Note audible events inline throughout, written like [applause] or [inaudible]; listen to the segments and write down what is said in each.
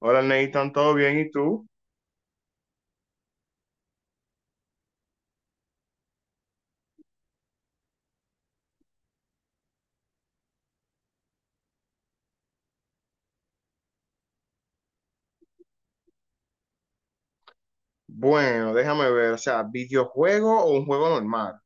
Hola Nathan, ¿todo bien? ¿Y tú? Bueno, déjame ver, o sea, ¿videojuego o un juego normal?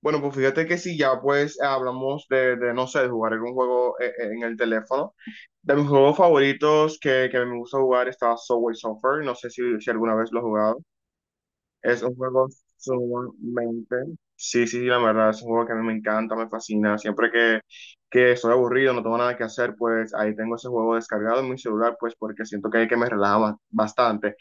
Bueno, pues fíjate que si ya pues hablamos no sé, de jugar algún juego en el teléfono. De mis juegos favoritos que me gusta jugar está Subway Surfer, no sé si alguna vez lo he jugado. Es un juego sumamente... Sí, sí, sí, la verdad, es un juego que a mí me encanta, me fascina. Siempre que estoy aburrido, no tengo nada que hacer, pues ahí tengo ese juego descargado en mi celular, pues porque siento que me relaja bastante.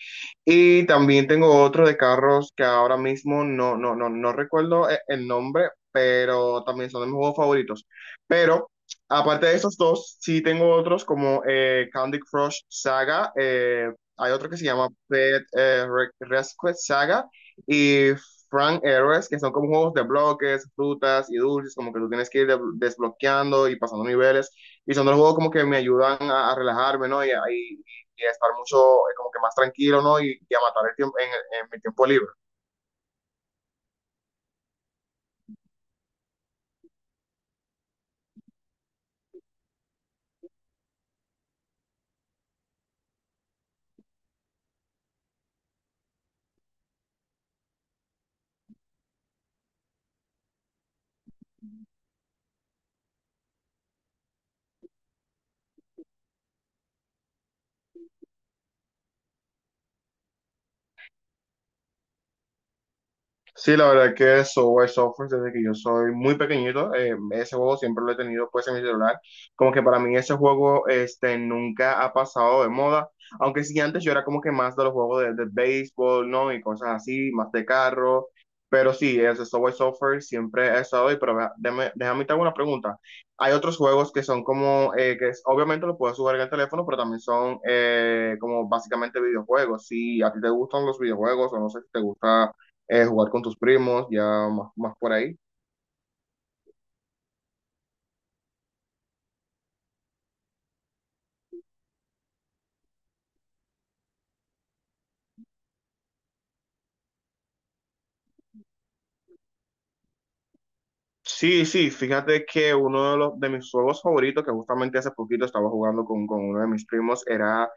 Y también tengo otro de carros que ahora mismo no recuerdo el nombre, pero también son de mis juegos favoritos. Pero aparte de esos dos, sí tengo otros como Candy Crush Saga, hay otro que se llama Pet Rescue Saga y Frank Heroes, que son como juegos de bloques, frutas y dulces, como que tú tienes que ir desbloqueando y pasando niveles. Y son dos juegos como que me ayudan a relajarme, ¿no? Y a estar mucho, como que más tranquilo, ¿no? Y a matar el tiempo en mi tiempo libre. Sí, la verdad que Subway Surfers, desde que yo soy muy pequeñito, ese juego siempre lo he tenido pues en mi celular. Como que para mí ese juego este, nunca ha pasado de moda. Aunque sí, antes yo era como que más de los juegos de béisbol, ¿no? Y cosas así, más de carro. Pero sí, ese Subway Surfers siempre ha estado ahí. Pero vea, déjame te hago una pregunta. Hay otros juegos que son como, que obviamente lo puedes jugar en el teléfono, pero también son como básicamente videojuegos. Si a ti te gustan los videojuegos o no sé si te gusta jugar con tus primos, ya más por ahí. Sí, sí, fíjate que uno de mis juegos favoritos, que justamente hace poquito estaba jugando con uno de mis primos, era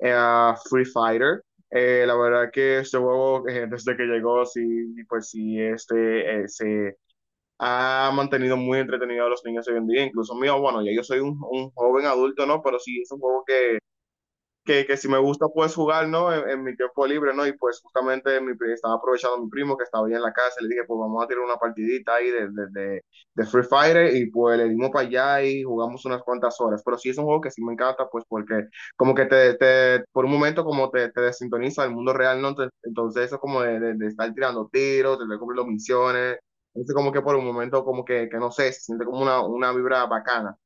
Free Fighter. La verdad que este juego, [laughs] desde que llegó, sí, pues sí, este, se ha mantenido muy entretenido a los niños hoy en día. Incluso mío, bueno, ya yo soy un joven adulto, ¿no? Pero sí, es un juego que si me gusta pues jugar, ¿no? En mi tiempo libre, ¿no? Y pues justamente estaba aprovechando a mi primo que estaba ahí en la casa, le dije, pues vamos a tirar una partidita ahí de Free Fire y pues le dimos para allá y jugamos unas cuantas horas. Pero sí es un juego que sí me encanta, pues porque como que te por un momento como te desintoniza del mundo real, ¿no? Entonces, entonces eso como de estar tirando tiros, de estar cumpliendo misiones, entonces como que por un momento como que no sé, se siente como una vibra bacana.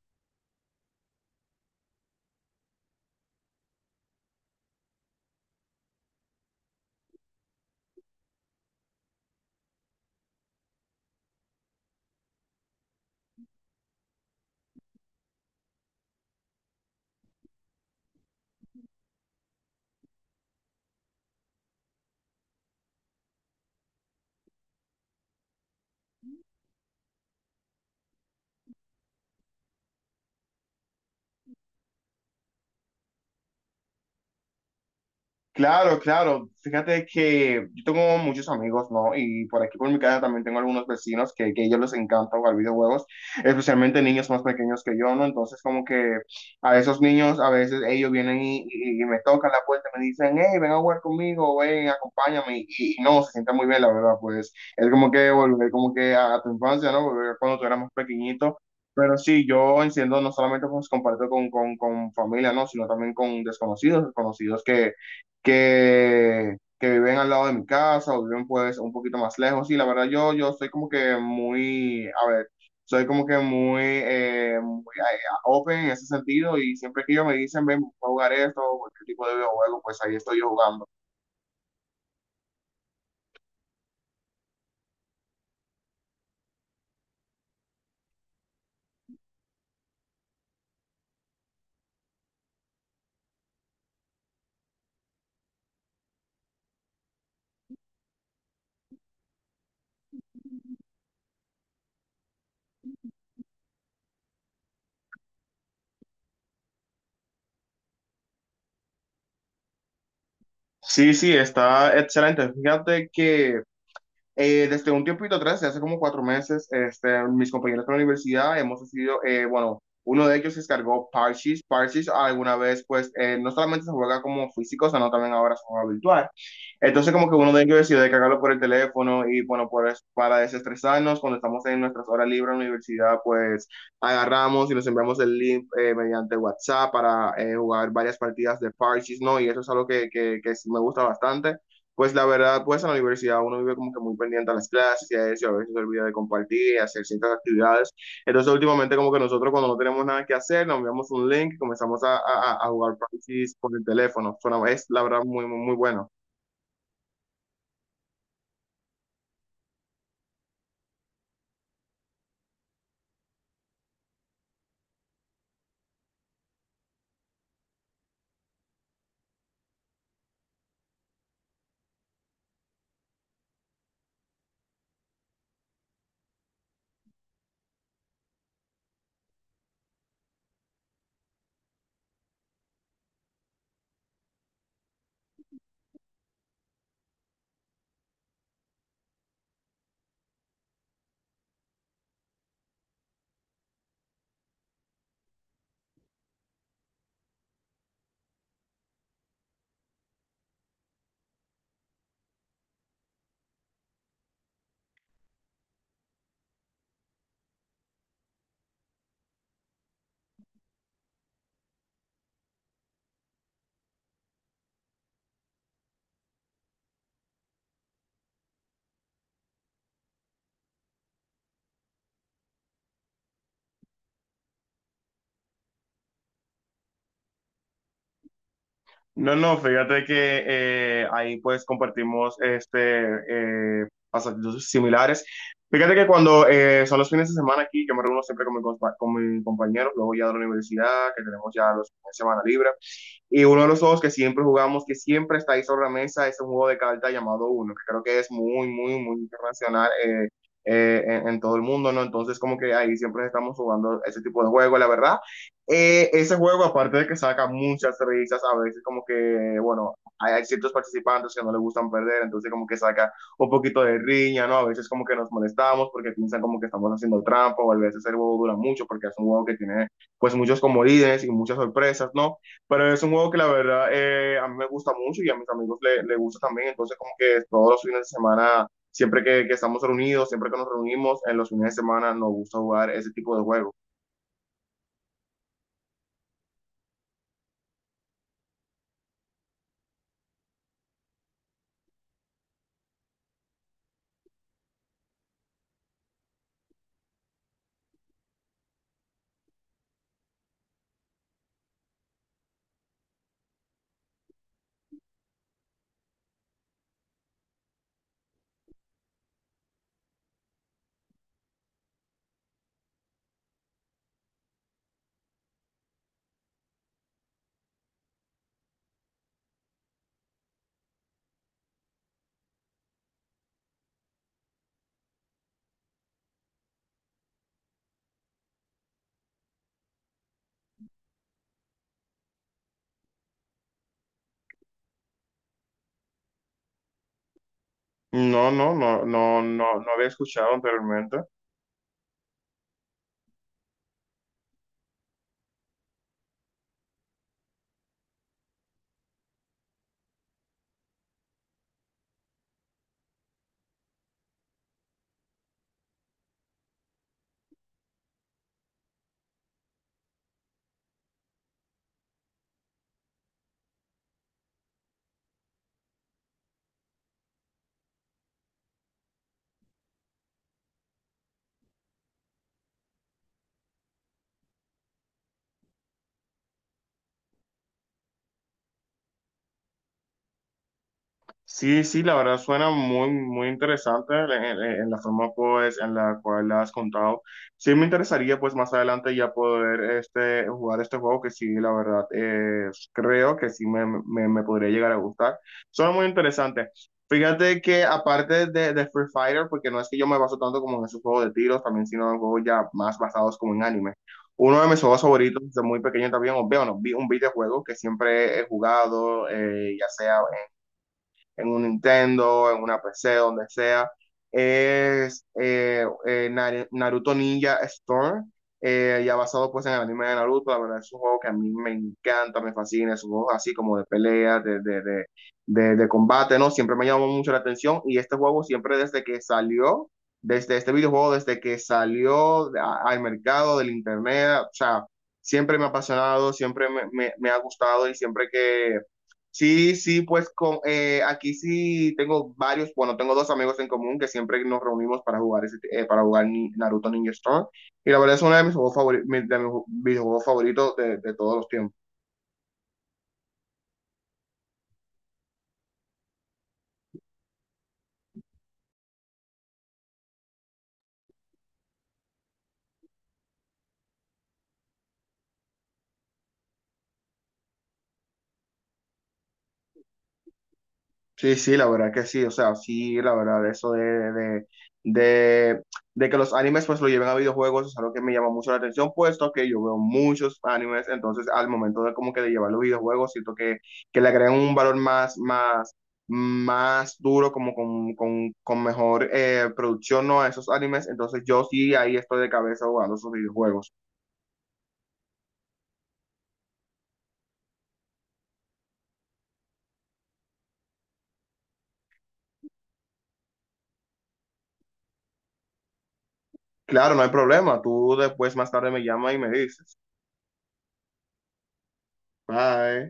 Claro, claro. Fíjate que yo tengo muchos amigos, ¿no? Y por aquí por mi casa también tengo algunos vecinos que a ellos les encanta jugar videojuegos, especialmente niños más pequeños que yo, ¿no? Entonces como que a esos niños a veces ellos vienen y me tocan la puerta y me dicen, hey, ven a jugar conmigo, ven, acompáñame. Y no, se siente muy bien, la verdad, pues es como que volver como que a tu infancia, ¿no? Volver a cuando tú eras más pequeñito. Pero sí, yo enciendo no solamente pues comparto con familia, ¿no? Sino también con desconocidos, desconocidos que viven al lado de mi casa o viven pues un poquito más lejos. Y la verdad yo soy como que muy, a ver, soy como que muy, muy, open en ese sentido y siempre que ellos me dicen, ven, vamos a jugar esto o cualquier tipo de videojuego, pues ahí estoy yo jugando. Sí, sí, está excelente. Fíjate que... desde un tiempito atrás, de hace como cuatro meses, este, mis compañeros de la universidad hemos decidido, bueno, uno de ellos se descargó Parchis. Parchis alguna vez, pues, no solamente se juega como físico, sino también ahora se juega virtual. Entonces, como que uno de ellos decidió descargarlo por el teléfono y, bueno, pues, para desestresarnos, cuando estamos en nuestras horas libres en la universidad, pues, agarramos y nos enviamos el link mediante WhatsApp para jugar varias partidas de Parchis, ¿no? Y eso es algo que sí me gusta bastante pues la verdad, pues en la universidad uno vive como que muy pendiente a las clases y a eso, y a veces se olvida de compartir y hacer ciertas actividades. Entonces, últimamente, como que nosotros cuando no tenemos nada que hacer, nos enviamos un link y comenzamos a jugar parches por el teléfono. Es la verdad muy, muy, muy bueno. No, no, fíjate que ahí pues compartimos este, pasatiempos similares. Fíjate que cuando son los fines de semana aquí, yo me reúno siempre con con mi compañero, luego ya de la universidad, que tenemos ya los fines de semana libre. Y uno de los juegos que siempre jugamos, que siempre está ahí sobre la mesa, es un juego de cartas llamado Uno, que creo que es muy, muy, muy internacional en todo el mundo, ¿no? Entonces como que ahí siempre estamos jugando ese tipo de juego, la verdad. Ese juego, aparte de que saca muchas risas, a veces como que, bueno, hay ciertos participantes que no les gustan perder, entonces como que saca un poquito de riña, ¿no? A veces como que nos molestamos porque piensan como que estamos haciendo trampa, o a veces el juego dura mucho porque es un juego que tiene pues muchos comodines y muchas sorpresas, ¿no? Pero es un juego que la verdad a mí me gusta mucho y a mis amigos le gusta también, entonces como que todos los fines de semana, que estamos reunidos, siempre que nos reunimos, en los fines de semana nos gusta jugar ese tipo de juegos. No, no, no, no, no, no había escuchado anteriormente. Sí, sí, la verdad suena muy, muy interesante en la forma pues en la cual la has contado. Sí me interesaría pues más adelante ya poder este, jugar este juego que sí, la verdad creo que sí me podría llegar a gustar. Suena muy interesante. Fíjate que aparte de Free Fighter, porque no es que yo me baso tanto como en esos juegos de tiros, también sino en juegos ya más basados como en anime. Uno de mis juegos favoritos desde muy pequeño también, o veo, no, vi un videojuego que siempre he jugado, ya sea en un Nintendo, en una PC, donde sea, es Naruto Ninja Storm, ya basado pues en el anime de Naruto, la verdad es un juego que a mí me encanta, me fascina, es un juego así como de pelea, de combate, ¿no? Siempre me llamó mucho la atención y este juego siempre desde que salió, desde este videojuego, desde que salió al mercado del internet, o sea, siempre me ha apasionado, siempre me ha gustado y siempre que sí, sí, pues con, aquí sí tengo varios, bueno, tengo dos amigos en común que siempre nos reunimos para jugar para jugar Naruto Ninja Storm. Y la verdad es uno de mis juegos favoritos, de mis videojuegos favoritos de todos los tiempos. Sí, sí, la verdad que sí, o sea, sí, la verdad, eso de, de, de que los animes pues lo lleven a videojuegos es algo que me llama mucho la atención, puesto que yo veo muchos animes, entonces al momento de como que de llevar los videojuegos, siento que le agregan un valor más duro, como con mejor producción, ¿no? A esos animes, entonces yo sí ahí estoy de cabeza jugando esos videojuegos. Claro, no hay problema, tú después más tarde me llamas y me dices, bye.